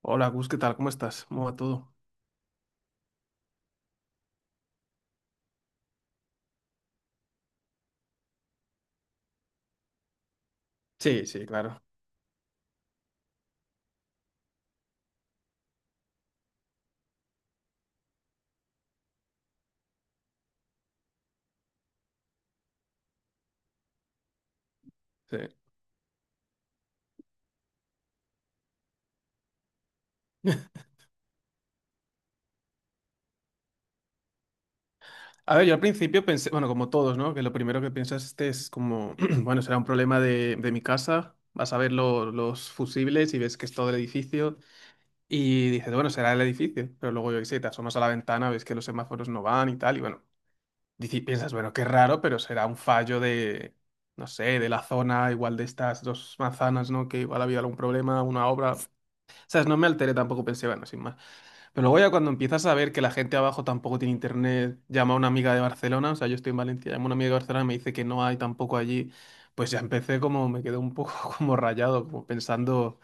Hola, Gus, ¿qué tal? ¿Cómo estás? ¿Cómo va todo? Sí, sí, claro. Sí. A ver, yo al principio pensé, bueno, como todos, ¿no? Que lo primero que piensas este es como, bueno, será un problema de mi casa. Vas a ver los fusibles y ves que es todo el edificio y dices, bueno, será el edificio. Pero luego yo qué sé, te asomas a la ventana, ves que los semáforos no van y tal. Y bueno, piensas, bueno, qué raro, pero será un fallo de, no sé, de la zona, igual de estas dos manzanas, ¿no? Que igual había algún problema, una obra. O sea, no me alteré tampoco, pensé, bueno, sin más. Pero luego ya cuando empiezas a ver que la gente abajo tampoco tiene internet, llama a una amiga de Barcelona, o sea, yo estoy en Valencia, llama a una amiga de Barcelona y me dice que no hay tampoco allí, pues ya empecé como, me quedé un poco como rayado, como pensando,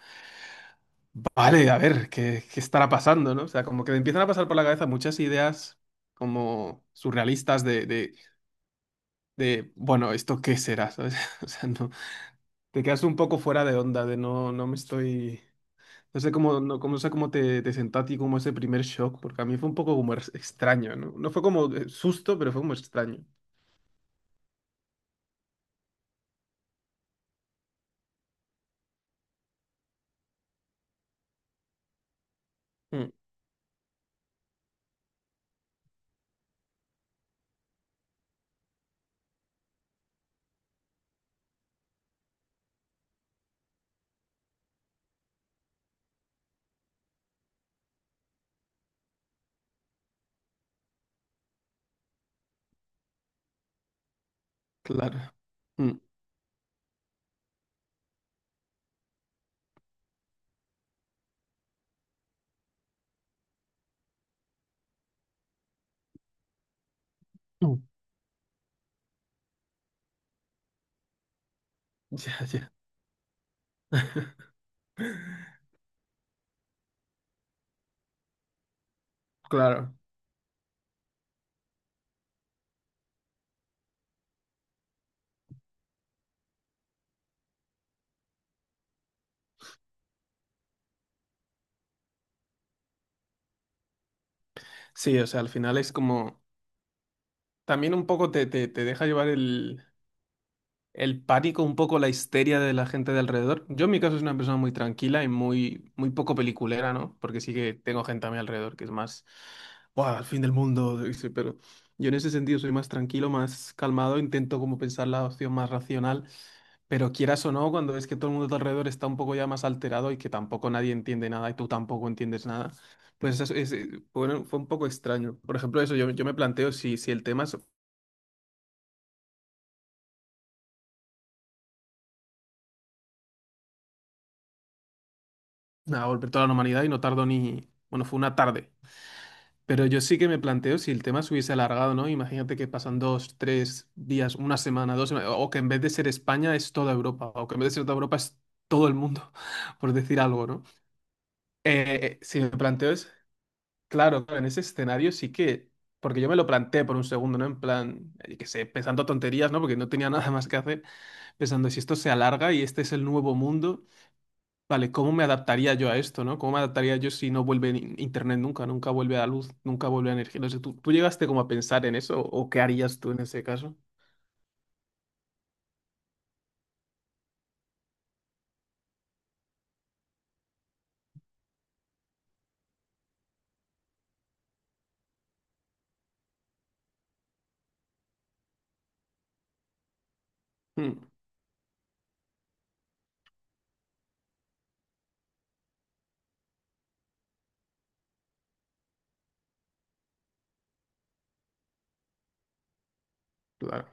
vale, a ver, ¿qué, qué estará pasando, ¿no? O sea, como que me empiezan a pasar por la cabeza muchas ideas como surrealistas de bueno, ¿esto qué será? ¿Sabes? O sea, no, te quedas un poco fuera de onda, de no, no me estoy... No sé cómo, no, no sé cómo te, te sentaste y cómo ese primer shock, porque a mí fue un poco como extraño, ¿no? No fue como susto, pero fue como extraño. Mm, claro. Mm, mm. Ya, ya. Claro. Sí, o sea, al final es como... También un poco te deja llevar el pánico, un poco la histeria de la gente de alrededor. Yo en mi caso soy una persona muy tranquila y muy, muy poco peliculera, ¿no? Porque sí que tengo gente a mi alrededor que es más, ¡buah, el fin del mundo! dice, pero yo en ese sentido soy más tranquilo, más calmado, intento como pensar la opción más racional, pero quieras o no, cuando ves que todo el mundo a tu alrededor está un poco ya más alterado y que tampoco nadie entiende nada y tú tampoco entiendes nada, pues eso es, bueno, fue un poco extraño. Por ejemplo, eso, yo me planteo si, si el tema es a volver toda la humanidad y no tardo ni... Bueno, fue una tarde. Pero yo sí que me planteo si el tema se hubiese alargado, ¿no? Imagínate que pasan dos, tres días, una semana, dos semanas, o que en vez de ser España es toda Europa, o que en vez de ser toda Europa es todo el mundo, por decir algo, ¿no? Si me planteo es, claro, claro, en ese escenario sí que, porque yo me lo planteé por un segundo, ¿no? En plan, que sé, pensando tonterías, ¿no? Porque no tenía nada más que hacer, pensando si esto se alarga y este es el nuevo mundo. Vale, ¿cómo me adaptaría yo a esto, no? ¿Cómo me adaptaría yo si no vuelve internet nunca, nunca vuelve a luz, nunca vuelve a energía? No sé, tú llegaste como a pensar en eso o qué harías tú en ese caso? Mm, claro,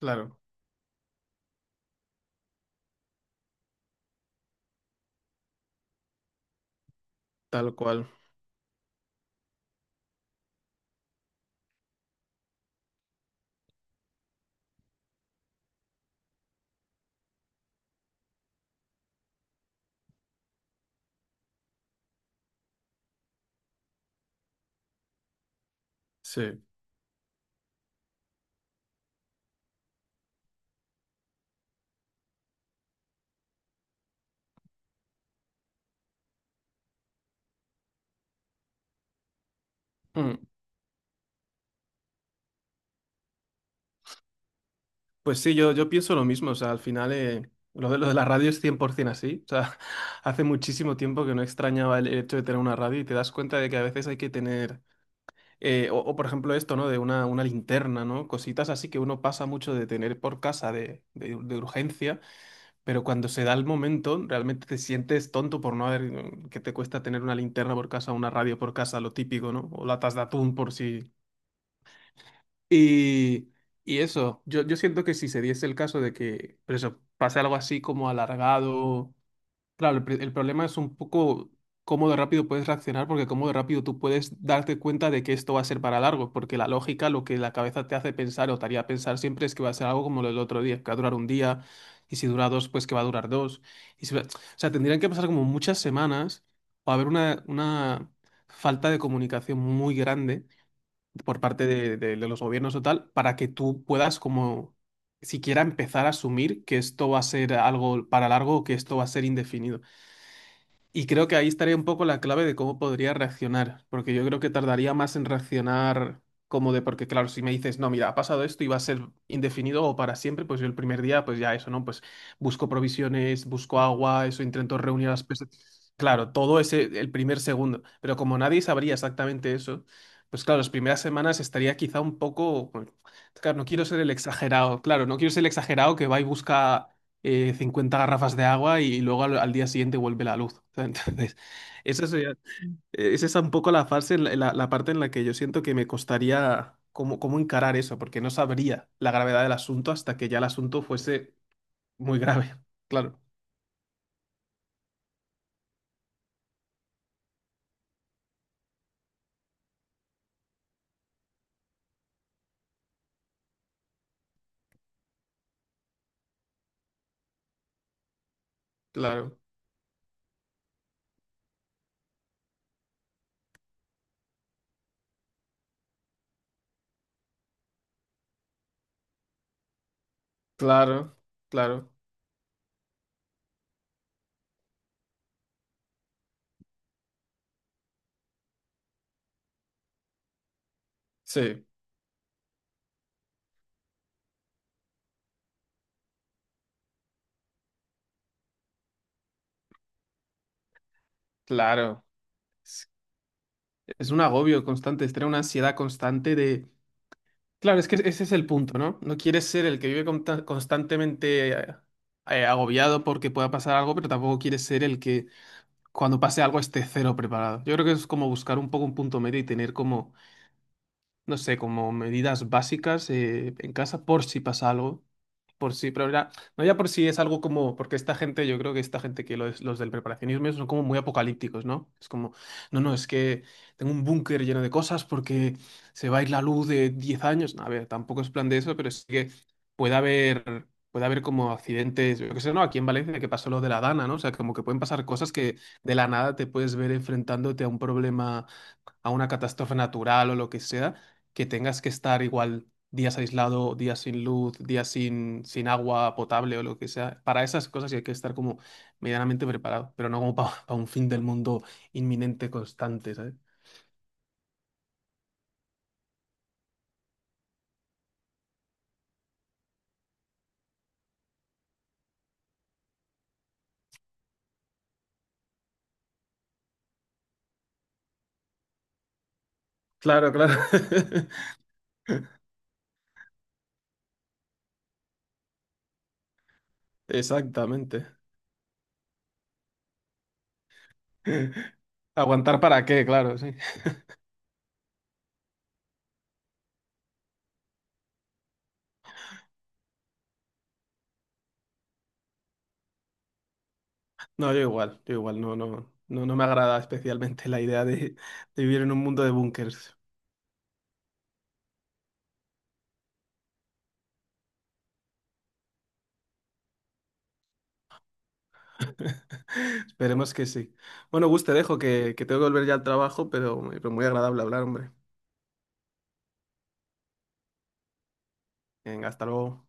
claro, tal cual, sí. Mm, pues sí, yo pienso lo mismo, o sea, al final lo de la radio es 100% así, o sea, hace muchísimo tiempo que no extrañaba el hecho de tener una radio y te das cuenta de que a veces hay que tener... o por ejemplo esto, ¿no? De una linterna, ¿no? Cositas así que uno pasa mucho de tener por casa de urgencia. Pero cuando se da el momento, realmente te sientes tonto por no haber, mm, que te cuesta tener una linterna por casa, una radio por casa, lo típico, ¿no? O latas de atún por si. Y, y eso, yo siento que si se diese el caso de que, por eso, pase algo así como alargado. Claro, el problema es un poco cómo de rápido puedes reaccionar, porque cómo de rápido tú puedes darte cuenta de que esto va a ser para largo, porque la lógica, lo que la cabeza te hace pensar o te haría pensar siempre es que va a ser algo como lo del otro día, que va a durar un día, y si dura dos, pues que va a durar dos. Y si va- O sea, tendrían que pasar como muchas semanas o haber una falta de comunicación muy grande por parte de, de los gobiernos o tal, para que tú puedas como siquiera empezar a asumir que esto va a ser algo para largo o que esto va a ser indefinido. Y creo que ahí estaría un poco la clave de cómo podría reaccionar, porque yo creo que tardaría más en reaccionar como de, porque claro, si me dices, no, mira, ha pasado esto y va a ser indefinido o para siempre, pues yo el primer día, pues ya eso, ¿no? Pues busco provisiones, busco agua, eso, intento reunir a las personas. Claro, todo ese, el primer segundo, pero como nadie sabría exactamente eso, pues claro, las primeras semanas estaría quizá un poco, bueno, claro, no quiero ser el exagerado, claro, no quiero ser el exagerado que va y busca 50 garrafas de agua y luego al día siguiente vuelve la luz. Entonces, esa es esa un poco la fase, en la parte en la que yo siento que me costaría cómo, cómo encarar eso, porque no sabría la gravedad del asunto hasta que ya el asunto fuese muy grave. Claro, claro, claro, claro, sí, claro. Es es un agobio constante, es tener una ansiedad constante de. Claro, es que ese es el punto, ¿no? No quieres ser el que vive constantemente agobiado porque pueda pasar algo, pero tampoco quieres ser el que cuando pase algo esté cero preparado. Yo creo que es como buscar un poco un punto medio y tener como no sé, como medidas básicas en casa por si pasa algo. Por si, no ya por si es algo como, porque esta gente, yo creo que esta gente que los del preparacionismo son como muy apocalípticos, ¿no? Es como, no, es que tengo un búnker lleno de cosas porque se va a ir la luz de 10 años. No, a ver, tampoco es plan de eso, pero sí que puede haber como accidentes, yo qué sé, ¿no? Aquí en Valencia que pasó lo de la Dana, ¿no? O sea, como que pueden pasar cosas que de la nada te puedes ver enfrentándote a un problema, a una catástrofe natural o lo que sea, que tengas que estar igual días aislado, días sin luz, días sin agua potable o lo que sea. Para esas cosas sí hay que estar como medianamente preparado, pero no como para un fin del mundo inminente, constante, ¿sabes? Claro, claro. Exactamente. ¿Aguantar para qué? Claro, sí. No, yo igual, no, no, no, no me agrada especialmente la idea de vivir en un mundo de búnkers. Esperemos que sí. Bueno, Gus, te dejo que tengo que volver ya al trabajo, pero muy agradable hablar, hombre. Venga, hasta luego.